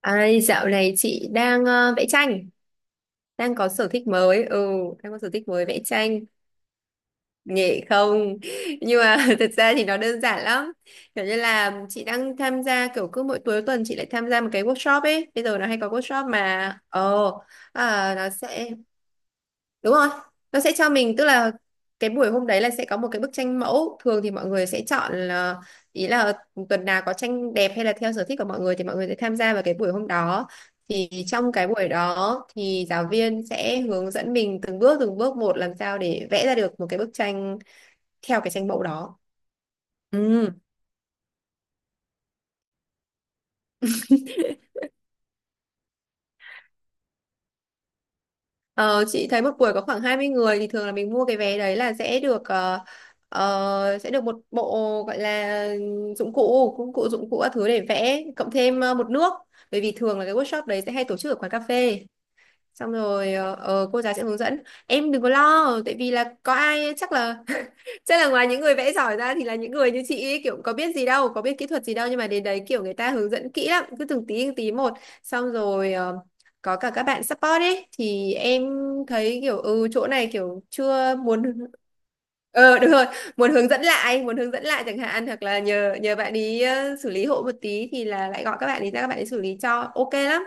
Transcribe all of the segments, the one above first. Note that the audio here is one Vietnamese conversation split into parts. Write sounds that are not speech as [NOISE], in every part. Ai, dạo này chị đang vẽ tranh, đang có sở thích mới, đang có sở thích mới vẽ tranh, nghệ không? [LAUGHS] Nhưng mà [LAUGHS] thật ra thì nó đơn giản lắm, kiểu như là chị đang tham gia kiểu cứ mỗi cuối tuần chị lại tham gia một cái workshop ấy, bây giờ nó hay có workshop mà, à, nó sẽ. Đúng rồi, nó sẽ cho mình tức là cái buổi hôm đấy là sẽ có một cái bức tranh mẫu, thường thì mọi người sẽ chọn là ý là tuần nào có tranh đẹp hay là theo sở thích của mọi người thì mọi người sẽ tham gia vào cái buổi hôm đó. Thì trong cái buổi đó thì giáo viên sẽ hướng dẫn mình từng bước một làm sao để vẽ ra được một cái bức tranh theo cái tranh mẫu đó. Ừ. Ờ, chị thấy một buổi có khoảng 20 người thì thường là mình mua cái vé đấy là sẽ được sẽ được một bộ gọi là dụng cụ các thứ để vẽ cộng thêm một nước, bởi vì thường là cái workshop đấy sẽ hay tổ chức ở quán cà phê, xong rồi cô giáo sẽ hướng dẫn em đừng có lo tại vì là có ai chắc là, chắc là ngoài những người vẽ giỏi ra thì là những người như chị ý, kiểu có biết gì đâu, có biết kỹ thuật gì đâu, nhưng mà đến đấy kiểu người ta hướng dẫn kỹ lắm, cứ từng tí một, xong rồi có cả các bạn support ấy, thì em thấy kiểu ừ chỗ này kiểu chưa muốn. Ờ đúng rồi, muốn hướng dẫn lại, muốn hướng dẫn lại chẳng hạn, hoặc là nhờ nhờ bạn ý xử lý hộ một tí, thì là lại gọi các bạn ý ra, các bạn ý xử lý cho, ok lắm.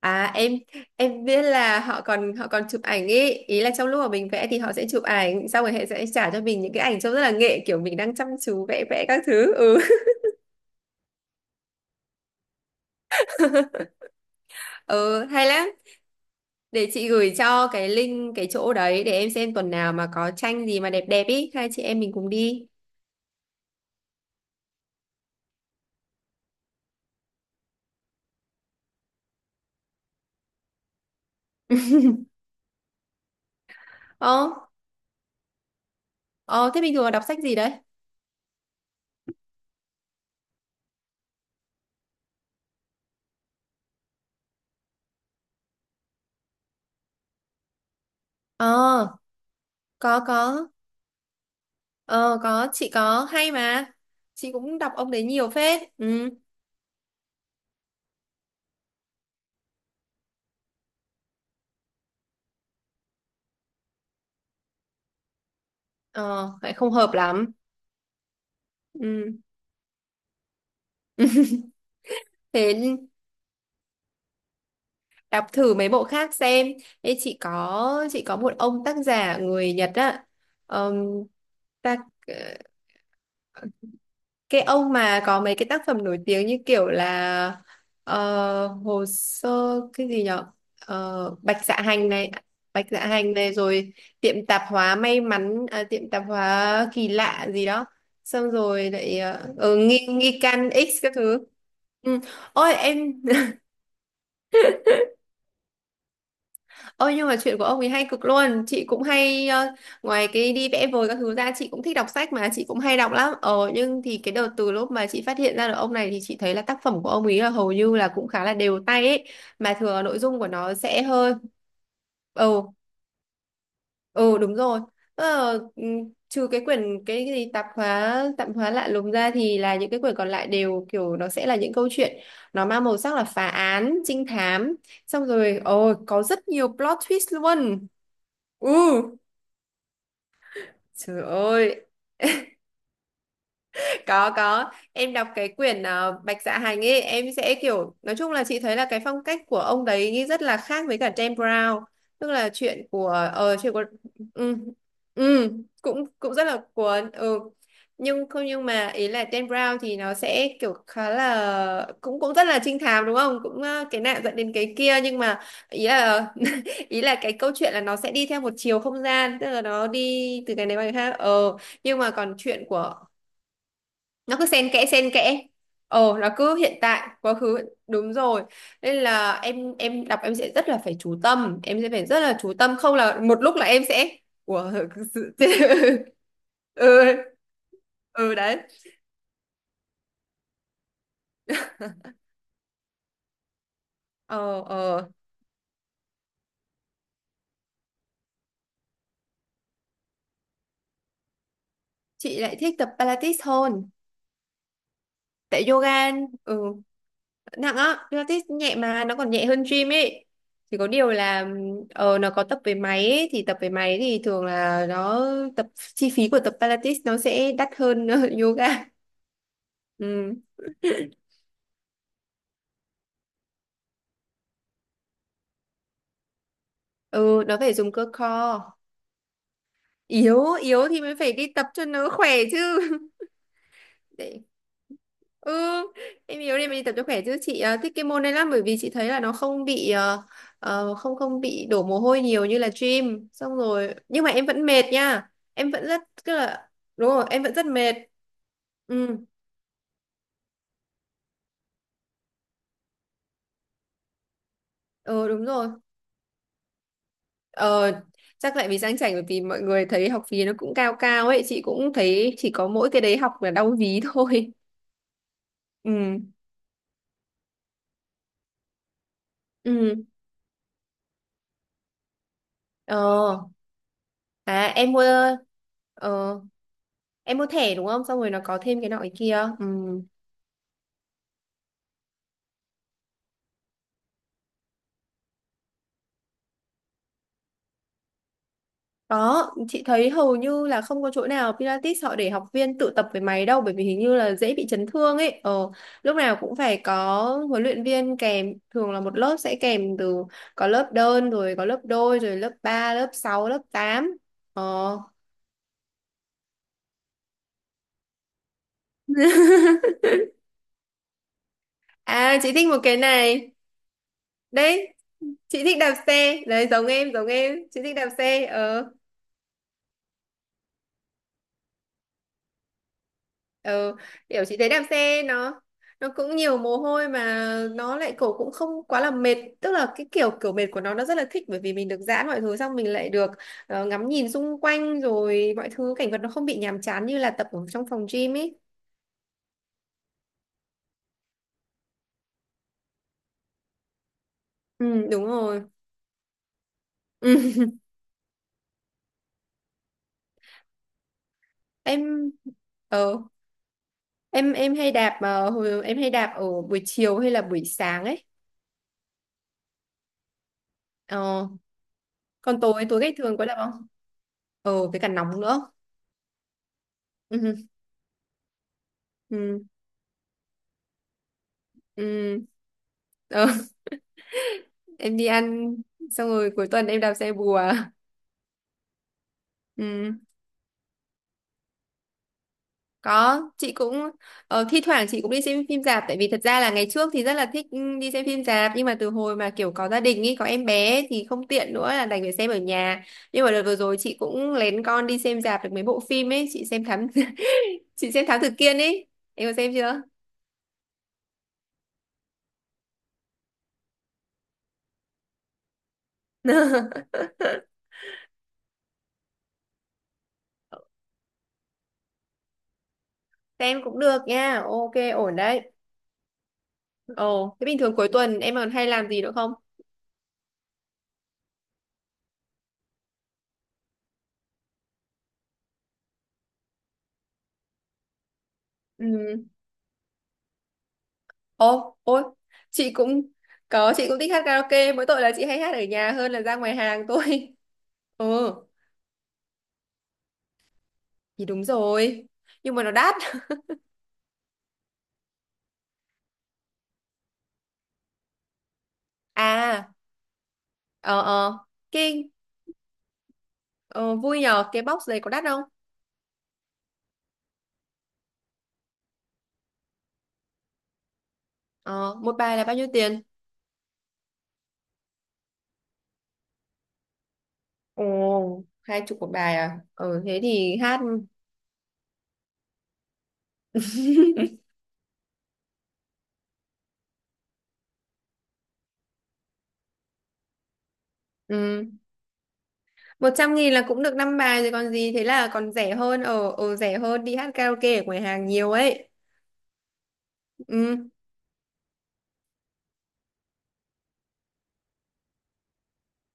À, em biết là họ còn chụp ảnh ý, ý là trong lúc mà mình vẽ thì họ sẽ chụp ảnh, xong rồi họ sẽ trả cho mình những cái ảnh trông rất là nghệ, kiểu mình đang chăm chú vẽ vẽ các thứ. Ừ. [LAUGHS] Ừ hay lắm. Để chị gửi cho cái link cái chỗ đấy để em xem tuần nào mà có tranh gì mà đẹp đẹp ý, hai chị em mình cùng đi. [LAUGHS] Ờ, ờ thế bình thường là đọc sách gì đấy? Ờ, có có. Ờ có, chị có hay mà. Chị cũng đọc ông đấy nhiều phết. Ừ. Ờ, lại không hợp lắm. Ừ. Thế đọc thử mấy bộ khác xem. Ê, chị có, chị có một ông tác giả người Nhật á. Ờm, ta, cái ông mà có mấy cái tác phẩm nổi tiếng như kiểu là hồ sơ cái gì nhở. Ờ, Bạch Dạ Hành này, Bạch Dạ Hành này, rồi tiệm tạp hóa may mắn, à, tiệm tạp hóa kỳ lạ gì đó, xong rồi lại nghi nghi can X các thứ. Ừ. Ôi em. Ôi nhưng mà chuyện của ông ấy hay cực luôn. Chị cũng hay ngoài cái đi vẽ vời các thứ ra, chị cũng thích đọc sách mà, chị cũng hay đọc lắm. Ờ nhưng thì cái đợt từ lúc mà chị phát hiện ra được ông này, thì chị thấy là tác phẩm của ông ấy là hầu như là cũng khá là đều tay ấy. Mà thường là nội dung của nó sẽ hơi. Ừ. Ừ đúng rồi. Ờ, ừ, trừ cái quyển cái gì tạp hóa lạ lùng ra thì là những cái quyển còn lại đều kiểu nó sẽ là những câu chuyện nó mang màu sắc là phá án, trinh thám. Xong rồi ồ có rất nhiều plot twist luôn. Ừ, trời ơi. Có, em đọc cái quyển Bạch Dạ Hành ấy em sẽ kiểu, nói chung là chị thấy là cái phong cách của ông đấy nghĩ rất là khác với cả Dan Brown, tức là chuyện của, ờ chuyện của, ừ, ừ, cũng cũng rất là cuốn ừ. Nhưng không, nhưng mà ý là Dan Brown thì nó sẽ kiểu khá là cũng cũng rất là trinh thám đúng không, cũng cái nạn dẫn đến cái kia, nhưng mà ý là [LAUGHS] ý là cái câu chuyện là nó sẽ đi theo một chiều không gian, tức là nó đi từ cái này qua cái khác. Ờ nhưng mà còn chuyện của, nó cứ xen kẽ xen kẽ, ờ nó cứ hiện tại quá khứ, đúng rồi. Nên là em đọc em sẽ rất là phải chú tâm, em sẽ phải rất là chú tâm, không là một lúc là em sẽ ủa cứ sự- [LAUGHS] ừ. Ừ đấy. Ờ ờ, chị lại thích tập Pilates hơn. Tại yoga, ừ, nặng á, Pilates nhẹ mà, nó còn nhẹ hơn gym ấy, chỉ có điều là nó có tập với máy ấy, thì tập với máy thì thường là nó tập, chi phí của tập Pilates nó sẽ đắt hơn [LAUGHS] yoga. Ừ. Ừ nó phải dùng cơ core. Yếu yếu thì mới phải đi tập cho nó khỏe chứ. Để... Ừ, em yếu đi mình đi tập cho khỏe chứ, chị thích cái môn này lắm bởi vì chị thấy là nó không bị không không bị đổ mồ hôi nhiều như là gym, xong rồi nhưng mà em vẫn mệt nha, em vẫn rất tức là, đúng rồi em vẫn rất mệt. Ừ. Ừ đúng rồi. Ờ chắc lại vì sang chảnh, bởi vì mọi người thấy học phí nó cũng cao cao ấy, chị cũng thấy chỉ có mỗi cái đấy học là đau ví thôi. [LAUGHS] Ừ. ừ ờ em mua, ờ em mua thẻ đúng không, xong rồi nó có thêm cái nọ cái kia ừ. Đó chị thấy hầu như là không có chỗ nào Pilates họ để học viên tự tập với máy đâu, bởi vì hình như là dễ bị chấn thương ấy. Ờ lúc nào cũng phải có huấn luyện viên kèm, thường là một lớp sẽ kèm từ, có lớp đơn rồi có lớp đôi rồi lớp 3, lớp sáu, lớp tám. ờ chị thích một cái này, đấy, chị thích đạp xe đấy, giống em, giống em, chị thích đạp xe. Ờ. Ừ, kiểu chị thấy đạp xe nó cũng nhiều mồ hôi mà, nó lại cổ cũng không quá là mệt, tức là cái kiểu kiểu mệt của nó rất là thích, bởi vì mình được giãn mọi thứ, xong mình lại được ngắm nhìn xung quanh rồi mọi thứ cảnh vật nó không bị nhàm chán như là tập ở trong phòng gym ấy. Ừ, đúng rồi. Ừ. Em ờ em hay đạp em hay đạp ở buổi chiều hay là buổi sáng ấy. Ờ, còn tối tối ngày thường có đạp không? Ờ với cả nóng nữa. Ừ. Ừ. Ừ. Ờ. Em đi ăn, xong rồi cuối tuần em đạp xe bùa. [LAUGHS] Ừ, có chị cũng thi thoảng chị cũng đi xem phim rạp, tại vì thật ra là ngày trước thì rất là thích, ừ, đi xem phim rạp, nhưng mà từ hồi mà kiểu có gia đình ý, có em bé ấy, thì không tiện nữa, là đành phải xem ở nhà. Nhưng mà đợt vừa rồi chị cũng lén con đi xem rạp được mấy bộ phim ấy, chị xem thám [LAUGHS] chị xem Thám Tử Kiên ấy, em có xem chưa? [LAUGHS] Xem cũng được nha, ok ổn đấy. Ồ thế bình thường cuối tuần em còn hay làm gì nữa không? Ừ. Ô, ôi, chị cũng có, chị cũng thích hát karaoke, mỗi tội là chị hay hát ở nhà hơn là ra ngoài hàng thôi. [LAUGHS] Ừ, thì đúng rồi. Nhưng mà nó đắt. À, ờ ờ, kinh, ờ, vui nhờ, cái box này có đắt không? Ờ, một bài là bao nhiêu tiền? Ồ, 20 một bài à? Ờ, thế thì hát, ừ, 100.000 là cũng được năm bài rồi còn gì, thế là còn rẻ hơn, rẻ hơn đi hát karaoke ở ngoài hàng nhiều ấy. Ừ,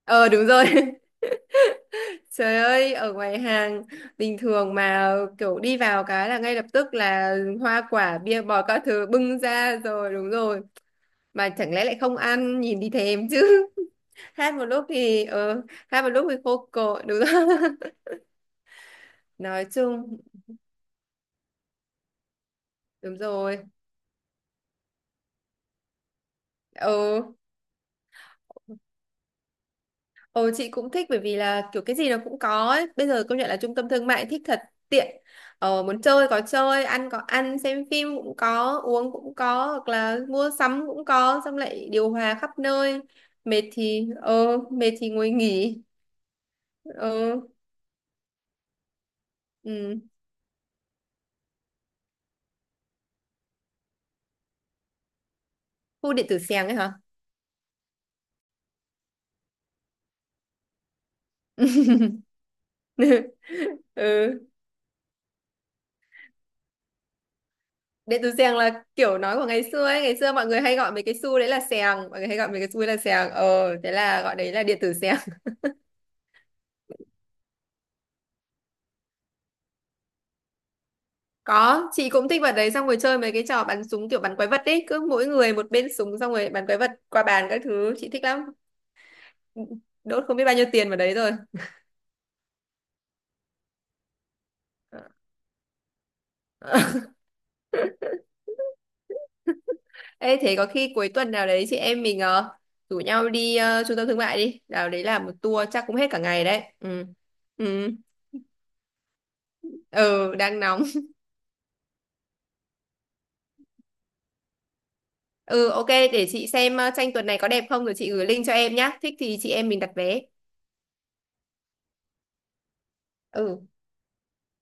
ờ, đúng rồi. [LAUGHS] Trời ơi, ở ngoài hàng bình thường mà kiểu đi vào cái là ngay lập tức là hoa quả, bia bò các thứ bưng ra rồi, đúng rồi. Mà chẳng lẽ lại không ăn, nhìn thì thèm chứ. [LAUGHS] Hát một lúc thì, hát một lúc thì khô cội, đúng rồi. [LAUGHS] Nói chung, đúng rồi. Ừ. Ồ chị cũng thích bởi vì là kiểu cái gì nó cũng có ấy. Bây giờ công nhận là trung tâm thương mại thích thật, tiện. Ờ, muốn chơi có chơi, ăn có ăn, xem phim cũng có, uống cũng có, hoặc là mua sắm cũng có, xong lại điều hòa khắp nơi. Mệt thì mệt thì ngồi nghỉ. Ờ ừ. Khu điện tử xèng ấy hả? [LAUGHS] Ừ. Điện tử xèng là kiểu nói của ngày xưa ấy, ngày xưa mọi người hay gọi mấy cái xu đấy là xèng, mọi người hay gọi mấy cái xu đấy là xèng. Ờ thế là gọi đấy là điện tử xèng. Có, chị cũng thích vật đấy, xong rồi chơi mấy cái trò bắn súng kiểu bắn quái vật đấy, cứ mỗi người một bên súng, xong rồi bắn quái vật qua bàn các thứ, chị thích lắm. Đốt không biết bao nhiêu tiền vào đấy rồi. [LAUGHS] Ê thế có khi cuối tuần nào đấy chị em mình rủ nhau đi trung tâm thương mại đi, nào đấy là một tour chắc cũng hết cả ngày đấy. Ừ. Ừ, ừ đang nóng. [LAUGHS] Ừ ok để chị xem tranh tuần này có đẹp không rồi chị gửi link cho em nhá. Thích thì chị em mình đặt vé. Ừ.